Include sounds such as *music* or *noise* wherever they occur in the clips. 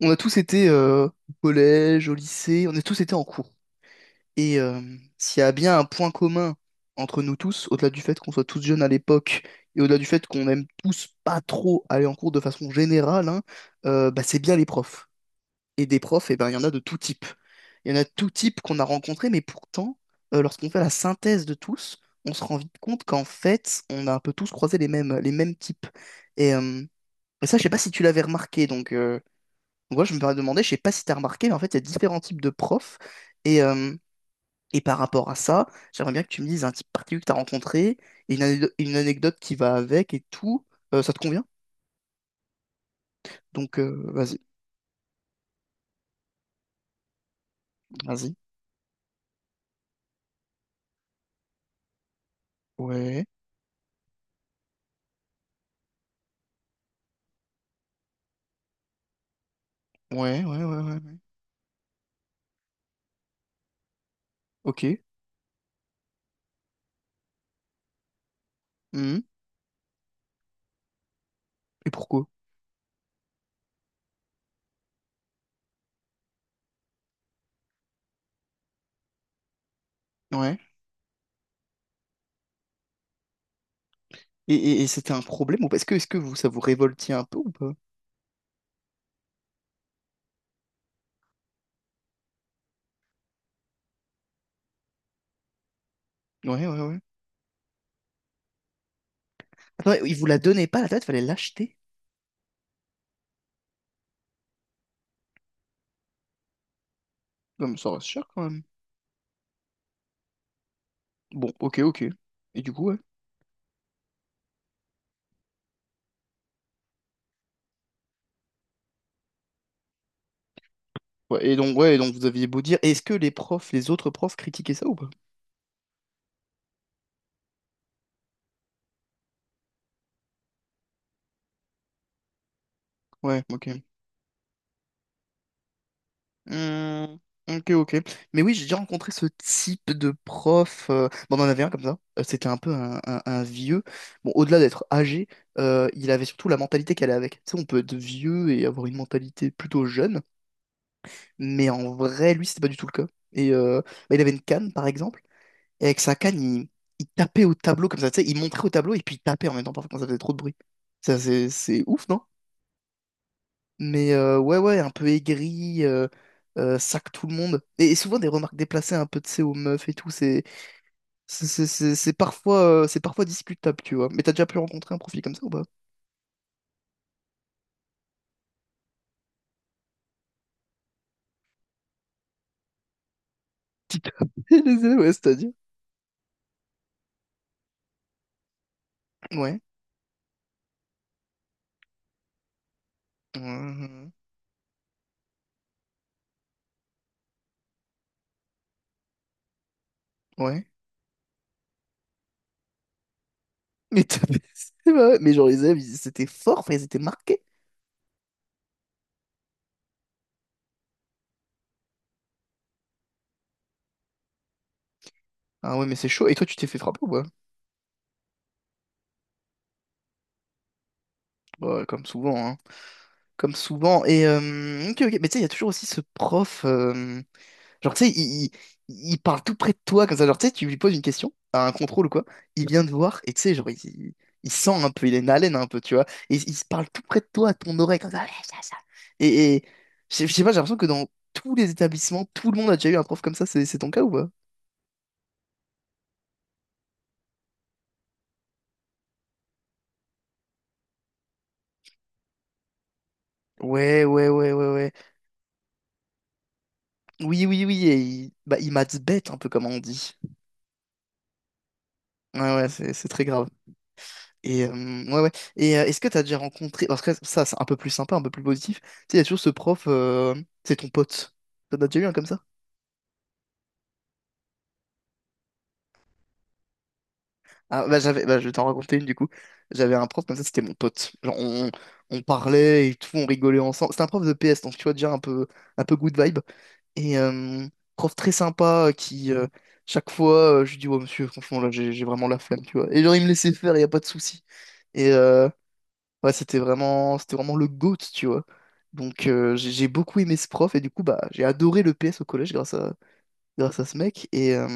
On a tous été au collège, au lycée, on a tous été en cours. Et euh, S'il y a bien un point commun entre nous tous, au-delà du fait qu'on soit tous jeunes à l'époque, et au-delà du fait qu'on aime tous pas trop aller en cours de façon générale, hein, bah, c'est bien les profs. Et des profs, eh ben, il y en a de tout type. Il y en a de tout type qu'on a rencontrés, mais pourtant, lorsqu'on fait la synthèse de tous, on se rend vite compte qu'en fait, on a un peu tous croisé les mêmes types. Et, euh, et ça, je sais pas si tu l'avais remarqué, moi, je me demandais, demander, je sais pas si tu as remarqué, mais en fait, il y a différents types de profs. Et, euh, et par rapport à ça, j'aimerais bien que tu me dises un type particulier que tu as rencontré, et une anecdote qui va avec et tout. Ça te convient? Donc, vas-y. Ouais, ouais, ouais, ouais, ouais, ouais. Ok. Mhm. Et pourquoi? Ouais. Et c'était un problème ou pas? Est-ce que vous, ça vous révoltait un peu ou pas? Ouais, ouais, ouais. Attends, il vous la donnait pas la tête, fallait l'acheter. Comme ça reste cher quand même. Bon, ok, ok. Et du coup, ouais. Ouais, et donc vous aviez beau dire, est-ce que les profs, les autres profs critiquaient ça ou pas? Ouais, ok. Hmm, ok, ok. Mais oui, j'ai déjà rencontré ce type de prof. Bon, on en avait un comme ça. C'était un peu un vieux. Bon, au-delà d'être âgé, il avait surtout la mentalité qu'elle allait avec. Tu sais, on peut être vieux et avoir une mentalité plutôt jeune, mais en vrai, lui, c'était pas du tout le cas. Et euh, Bah, il avait une canne, par exemple, et avec sa canne, il tapait au tableau comme ça. Tu sais, il montrait au tableau et puis il tapait en même temps, parfois, quand ça faisait trop de bruit. Ça, c'est ouf, non? Mais ouais, ouais, un peu aigri, sac tout le monde. Et souvent des remarques déplacées un peu, de sais, aux meufs et tout. C'est parfois, c'est parfois discutable, tu vois. Mais t'as déjà pu rencontrer un profil comme ça ou pas? *laughs* Qui t'a les ailes, ouais, c'est-à-dire. Ouais. Mhm. Ouais. Mais t'as C'est vrai. Mais genre, c'était fort, enfin, ils étaient marqués. Ah ouais, mais c'est chaud. Et toi, tu t'es fait frapper ou pas? Ouais, comme souvent, hein. Comme souvent. Et ok, ok. Mais tu sais, il y a toujours aussi ce prof. Genre, tu sais, il parle tout près de toi, comme ça. Genre, tu sais, tu lui poses une question, à un contrôle ou quoi, il vient te voir, et tu sais, genre, il sent un peu, il est une haleine un peu, tu vois. Et il se parle tout près de toi, à ton oreille, comme ça. Ouais, ça, ça. Et je sais pas, j'ai l'impression que dans tous les établissements, tout le monde a déjà eu un prof comme ça, c'est ton cas ou pas? Ouais, ouais, ouais, ouais, ouais. Oui, oui, oui, et il, bah, il maths bête, un peu comme on dit. Ouais, ouais, c'est très grave. Et ouais, ouais. Et est-ce que t'as déjà rencontré. Parce que ça, c'est un peu plus sympa, un peu plus positif. Tu sais, il y a toujours ce prof, c'est ton pote. T'en as déjà eu un comme ça? Ah, bah, j'avais, bah, je vais t'en raconter une du coup. J'avais un prof comme ça, c'était mon pote. Genre, on parlait et tout, on rigolait ensemble. C'était un prof de PS, donc tu vois, déjà un peu good vibe. Et prof très sympa qui chaque fois, je lui dis, ouais, monsieur, franchement, là, j'ai vraiment la flemme, tu vois. Et genre, il me laissait faire, il n'y a pas de souci. Et ouais, c'était vraiment le GOAT, tu vois. Donc j'ai beaucoup aimé ce prof et du coup bah j'ai adoré le PS au collège grâce à ce mec et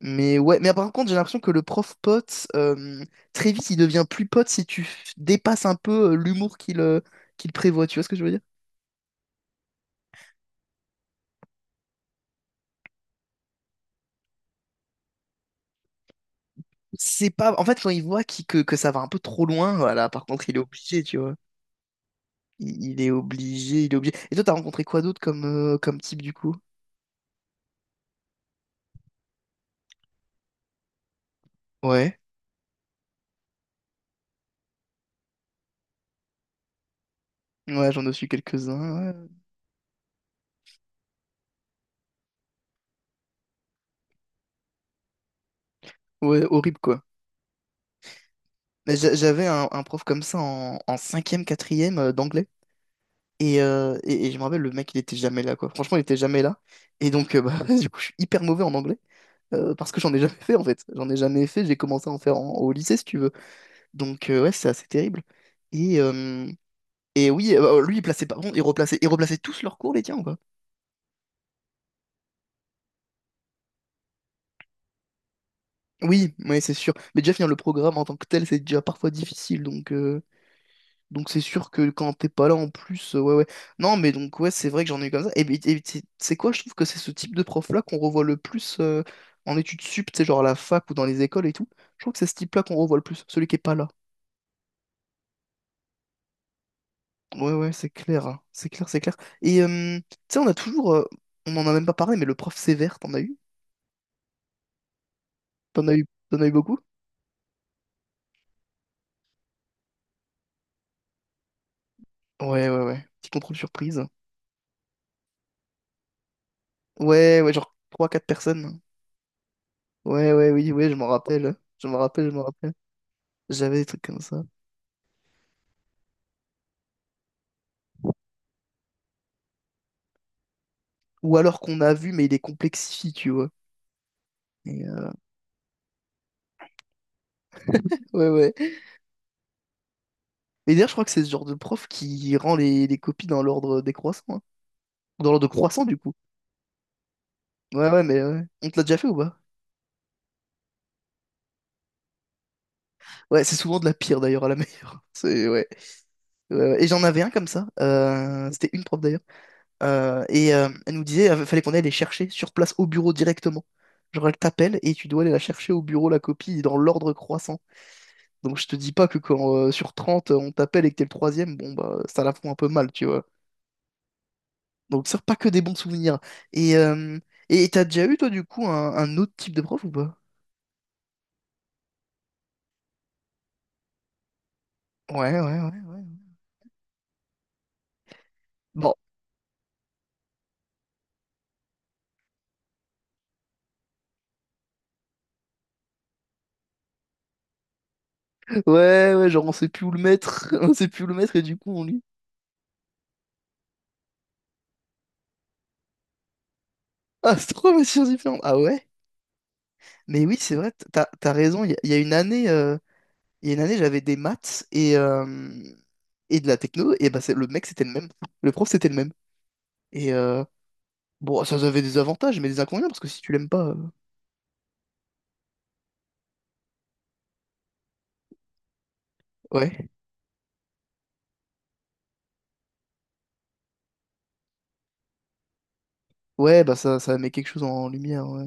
mais ouais mais par contre j'ai l'impression que le prof pote très vite il devient plus pote si dépasses un peu l'humour qu'il prévoit, tu vois ce que je veux dire? C'est pas en fait quand il voit que ça va un peu trop loin, voilà, par contre il est obligé, tu vois. Il est obligé, il est obligé. Et toi t'as rencontré quoi d'autre comme comme type du coup? Ouais ouais j'en ai su quelques-uns, ouais. Ouais, horrible, quoi. Mais j'avais un prof comme ça en, en cinquième, quatrième d'anglais. Et je me rappelle, le mec, il était jamais là, quoi. Franchement, il était jamais là. Et donc, bah, *laughs* du coup, je suis hyper mauvais en anglais. Parce que j'en ai jamais fait, en fait. J'en ai jamais fait. J'ai commencé à en faire en- Au lycée, si tu veux. Donc, ouais, c'est assez terrible. Et, euh, et oui, bah, lui, il plaçait pas. Bon, il replaçait tous leurs cours, les tiens, quoi. Oui, ouais, c'est sûr. Mais déjà, finir le programme en tant que tel, c'est déjà parfois difficile. Donc, donc c'est sûr que quand t'es pas là en plus, ouais ouais. Non mais donc ouais c'est vrai que j'en ai eu comme ça. Et, ben, et c'est quoi? Je trouve que c'est ce type de prof-là qu'on revoit le plus en études sup, tu sais, genre à la fac ou dans les écoles et tout. Je trouve que c'est ce type-là qu'on revoit le plus, celui qui est pas là. Ouais ouais c'est clair, hein. C'est clair, c'est clair. Et tu sais on a toujours, on en a même pas parlé, mais le prof sévère, t'en as eu? T'en as eu, T'en as eu beaucoup? Ouais ouais ouais. Petit contrôle surprise. Ouais ouais genre trois quatre personnes. Ouais ouais oui ouais je m'en rappelle. J'avais des trucs comme ça. Ou alors qu'on a vu, mais il les complexifie, tu vois. Et, euh, ouais, ouais. Mais d'ailleurs, je crois que c'est ce genre de prof qui rend les copies dans l'ordre décroissant. Hein. Dans l'ordre croissant, du coup. Ouais, ouais, mais ouais. On te l'a déjà fait ou pas? Ouais, c'est souvent de la pire d'ailleurs à la meilleure. *laughs* C'est, ouais. Ouais, ouais. Et j'en avais un comme ça. C'était une prof d'ailleurs. Et elle nous disait, fallait qu'on aille les chercher sur place au bureau directement. Genre, elle t'appelle et tu dois aller la chercher au bureau, la copie, dans l'ordre croissant. Donc, je te dis pas que quand sur 30 on t'appelle et que t'es le troisième, bon, bah, ça la fout un peu mal, tu vois. Donc, ça, pas que des bons souvenirs. Et euh, et t'as déjà eu, toi, du coup, un autre type de prof ou pas? Ouais, ouais, ouais, ouais. Bon, *laughs* ouais, ouais, genre, on sait plus où le mettre, *laughs* on sait plus où le mettre, et du coup, on lui. Ah, c'est trois matières différentes. Ah ouais? Mais oui, c'est vrai, t'as raison. Il y a une année, il y a une année, j'avais des maths et de la techno, et bah, le mec, c'était le même. Le prof, c'était le même. Et bon, ça avait des avantages, mais des inconvénients, parce que si tu l'aimes pas. Ouais. Ouais, bah, ça met quelque chose en lumière. Ouais.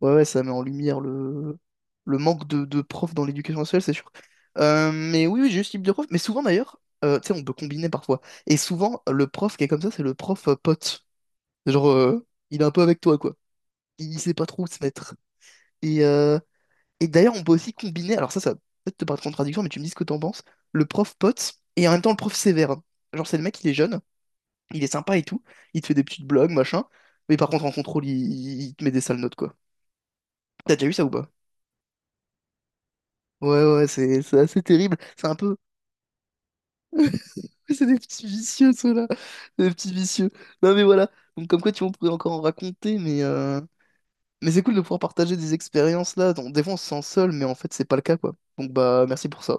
Ouais, ouais, ça met en lumière le manque de profs dans l'éducation nationale, c'est sûr. Mais oui, oui, j'ai eu ce type de prof. Mais souvent, d'ailleurs, tu sais, on peut combiner parfois. Et souvent, le prof qui est comme ça, c'est le prof pote. Genre, il est un peu avec toi, quoi. Il sait pas trop où se mettre. Et, euh, et d'ailleurs, on peut aussi combiner, alors ça va peut-être te paraître contradiction, mais tu me dis ce que t'en penses, le prof pote et en même temps le prof sévère. Genre, c'est le mec, il est jeune, il est sympa et tout, il te fait des petites blagues, machin, mais par contre, en contrôle, il te met des sales notes, quoi. T'as déjà eu ça ou pas? Ouais, ouais, c'est assez terrible. C'est un peu. *laughs* C'est des petits vicieux, ceux-là. Des petits vicieux. Non, mais voilà. Donc, comme quoi, tu vois, on pourrait encore en raconter, mais c'est cool de pouvoir partager des expériences là. Donc, des fois, on se sent seul, mais en fait, c'est pas le cas, quoi. Donc, bah, merci pour ça.